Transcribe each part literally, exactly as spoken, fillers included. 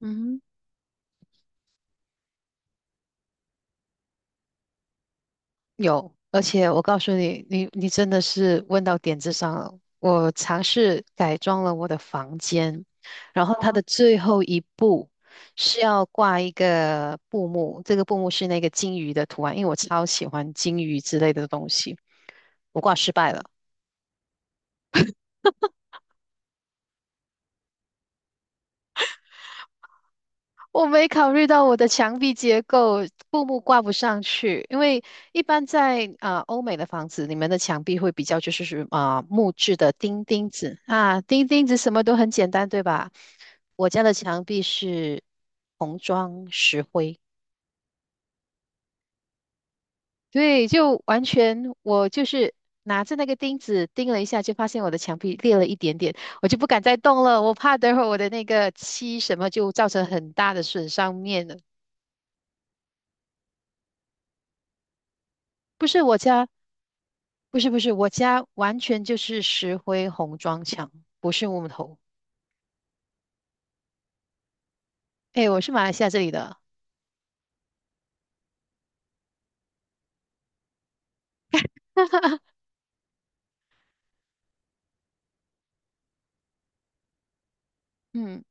嗯，有，而且我告诉你，你你真的是问到点子上了。我尝试改装了我的房间，然后它的哦最后一步是要挂一个布幕，这个布幕是那个金鱼的图案，因为我超喜欢金鱼之类的东西，我挂失败了。我没考虑到我的墙壁结构，布幕挂不上去，因为一般在啊、呃欧美的房子，你们的墙壁会比较就是是啊、呃木质的钉钉子啊，钉钉子什么都很简单，对吧？我家的墙壁是红砖石灰，对，就完全我就是拿着那个钉子钉了一下，就发现我的墙壁裂了一点点，我就不敢再动了，我怕等会儿我的那个漆什么就造成很大的损伤面了。不是我家。不是不是，我家完全就是石灰红砖墙，不是木头。哎，我是马来西亚这里的。嗯，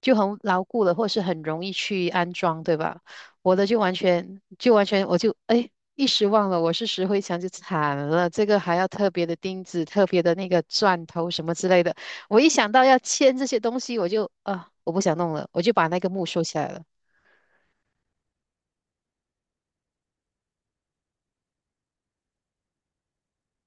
就很牢固了，或是很容易去安装，对吧？我的就完全就完全我就哎一时忘了我是石灰墙就惨了，这个还要特别的钉子、特别的那个钻头什么之类的。我一想到要签这些东西，我就啊我不想弄了，我就把那个木收起来了。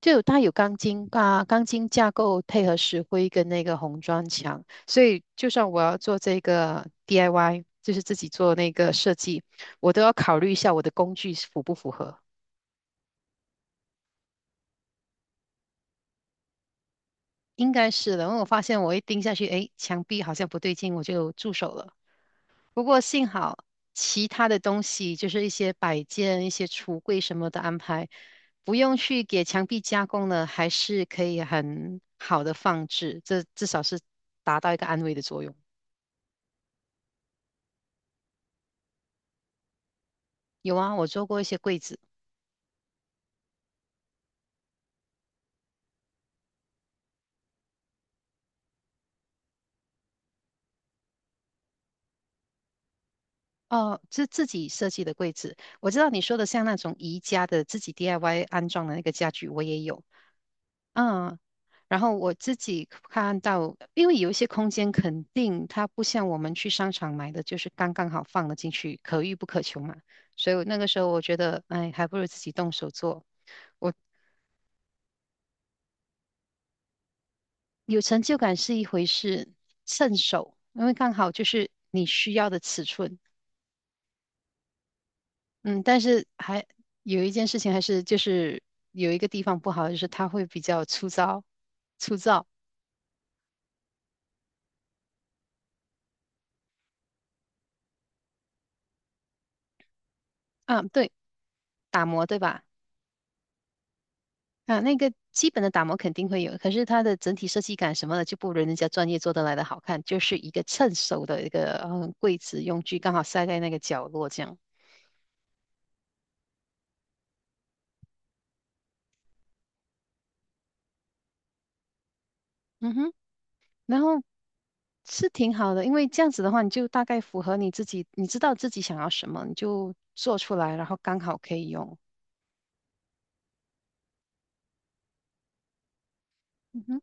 就有它有钢筋啊，钢筋架构配合石灰跟那个红砖墙，所以就算我要做这个 D I Y,就是自己做那个设计，我都要考虑一下我的工具符不符合。应该是的，因为我发现我一盯下去，诶，墙壁好像不对劲，我就住手了。不过幸好其他的东西，就是一些摆件、一些橱柜什么的安排，不用去给墙壁加工了，还是可以很好的放置，这至少是达到一个安慰的作用。有啊，我做过一些柜子。哦，是自己设计的柜子。我知道你说的像那种宜家的自己 D I Y 安装的那个家具，我也有。嗯，然后我自己看到，因为有一些空间肯定它不像我们去商场买的，就是刚刚好放了进去，可遇不可求嘛。所以我那个时候我觉得，哎，还不如自己动手做。我有成就感是一回事，趁手，因为刚好就是你需要的尺寸，嗯，但是还有一件事情，还是就是有一个地方不好，就是它会比较粗糙，粗糙。啊，对，打磨，对吧？啊，那个基本的打磨肯定会有，可是它的整体设计感什么的就不如人家专业做得来的好看，就是一个趁手的一个嗯柜子用具，刚好塞在那个角落这样。嗯哼，然后是挺好的，因为这样子的话，你就大概符合你自己，你知道自己想要什么，你就做出来，然后刚好可以用。嗯哼，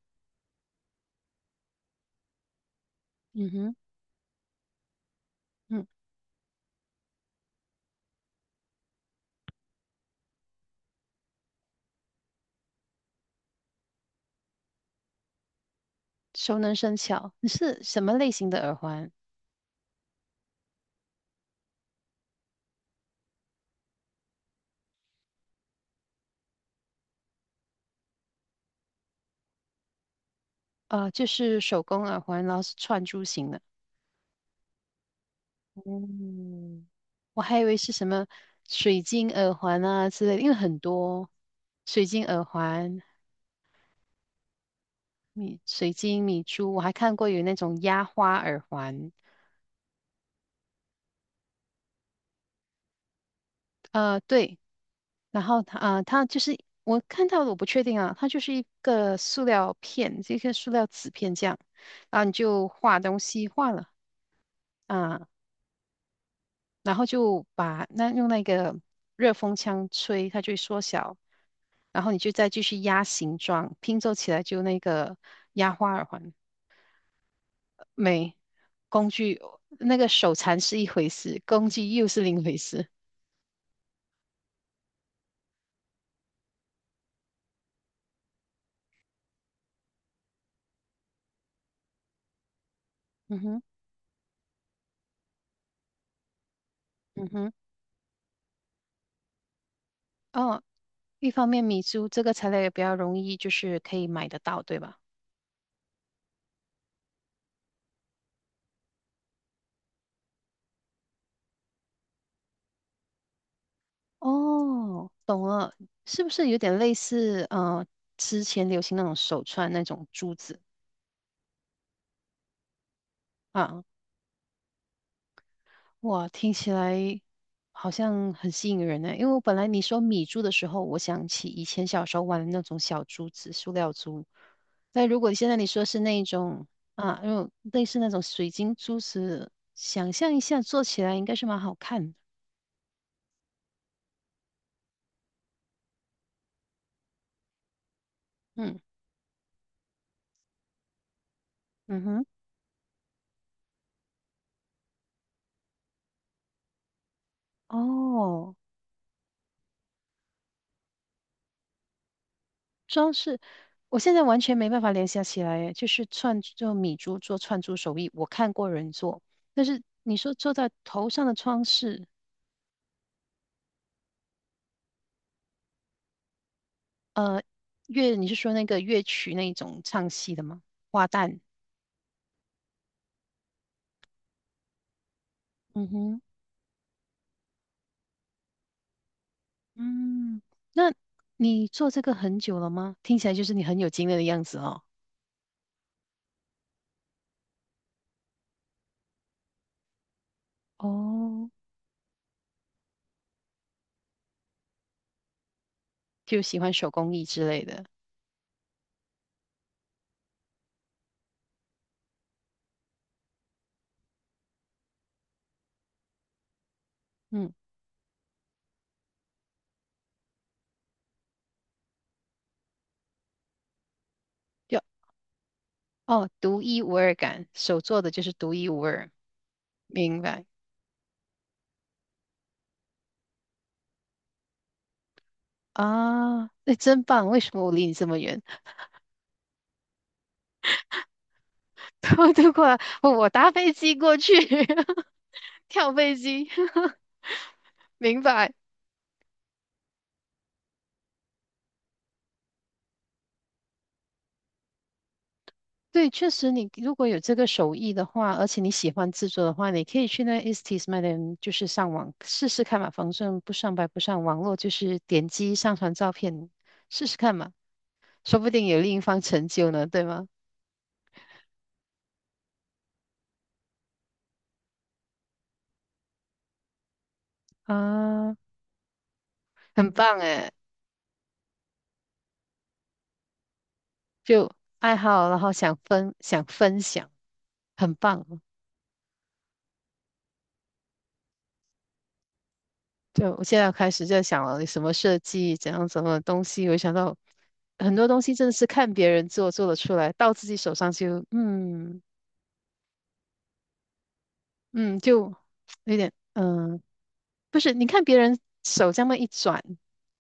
嗯哼。嗯。熟能生巧。你是什么类型的耳环？啊、就是手工耳环，然后是串珠型的。嗯，我还以为是什么水晶耳环啊之类的，因为很多水晶耳环、米水晶米珠，我还看过有那种压花耳环。呃，对，然后它啊、呃它就是我看到的，我不确定啊，它就是一个塑料片，这个塑料纸片这样，然后你就画东西画了啊、然后就把那用那个热风枪吹，它就会缩小，然后你就再继续压形状，拼凑起来就那个压花耳环。没，工具那个手残是一回事，工具又是另一回事。嗯哼，嗯哼，哦，一方面米珠这个材料也比较容易，就是可以买得到，对吧？哦，懂了，是不是有点类似呃之前流行那种手串那种珠子啊？哇，听起来好像很吸引人呢。因为我本来你说米珠的时候，我想起以前小时候玩的那种小珠子、塑料珠。但如果现在你说是那一种啊，用类似那种水晶珠子，想象一下做起来应该是蛮好看的。嗯嗯哼，哦，装饰，我现在完全没办法联想起来，就是串就米珠做串珠手艺，我看过人做，但是你说做在头上的装饰。呃，乐，你是说那个乐曲那种唱戏的吗？花旦，嗯哼，嗯，那你做这个很久了吗？听起来就是你很有经验的样子哦。哦，就喜欢手工艺之类的，嗯，就哦，独一无二感，手做的就是独一无二，明白啊？那真棒，为什么我离你这么远？我都过来，我搭飞机过去，跳飞机，明白。对，确实你如果有这个手艺的话，而且你喜欢制作的话，你可以去那 e s t s m a d 就是上网试试看嘛，反正不上白不上，网络就是点击上传照片试试看嘛，说不定有另一方成就呢，对吗？啊，很棒诶，就爱好，然后想分想分享，很棒哦。就我现在开始在想了，你什么设计，怎样什么东西，我想到很多东西真的是看别人做做得出来，到自己手上就嗯。嗯，就有点，嗯，不是，你看别人手这么一转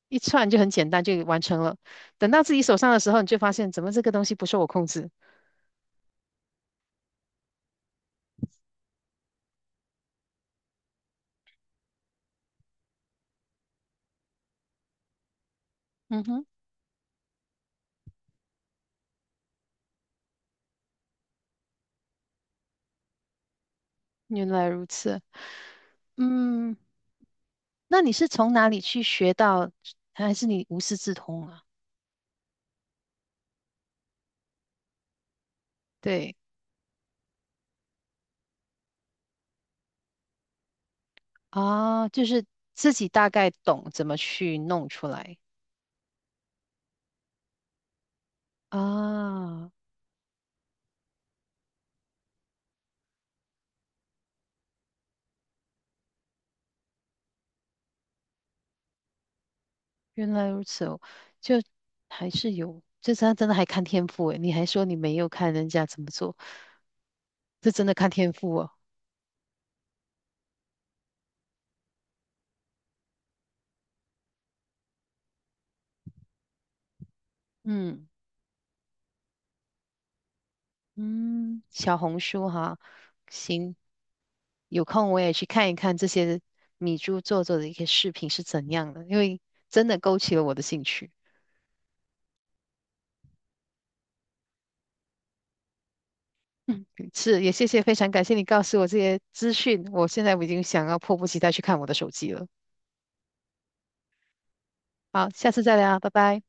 一串就很简单就完成了，等到自己手上的时候，你就发现怎么这个东西不受我控制。嗯哼，原来如此。嗯，那你是从哪里去学到，还是你无师自通啊？对啊，就是自己大概懂怎么去弄出来啊。原来如此哦，就还是有，这真真的还看天赋诶。你还说你没有看人家怎么做。这真的看天赋哦。嗯嗯，小红书哈，行，有空我也去看一看这些米珠做做的一些视频是怎样的，因为真的勾起了我的兴趣。嗯，是，也谢谢，非常感谢你告诉我这些资讯，我现在我已经想要迫不及待去看我的手机了。好，下次再聊，拜拜。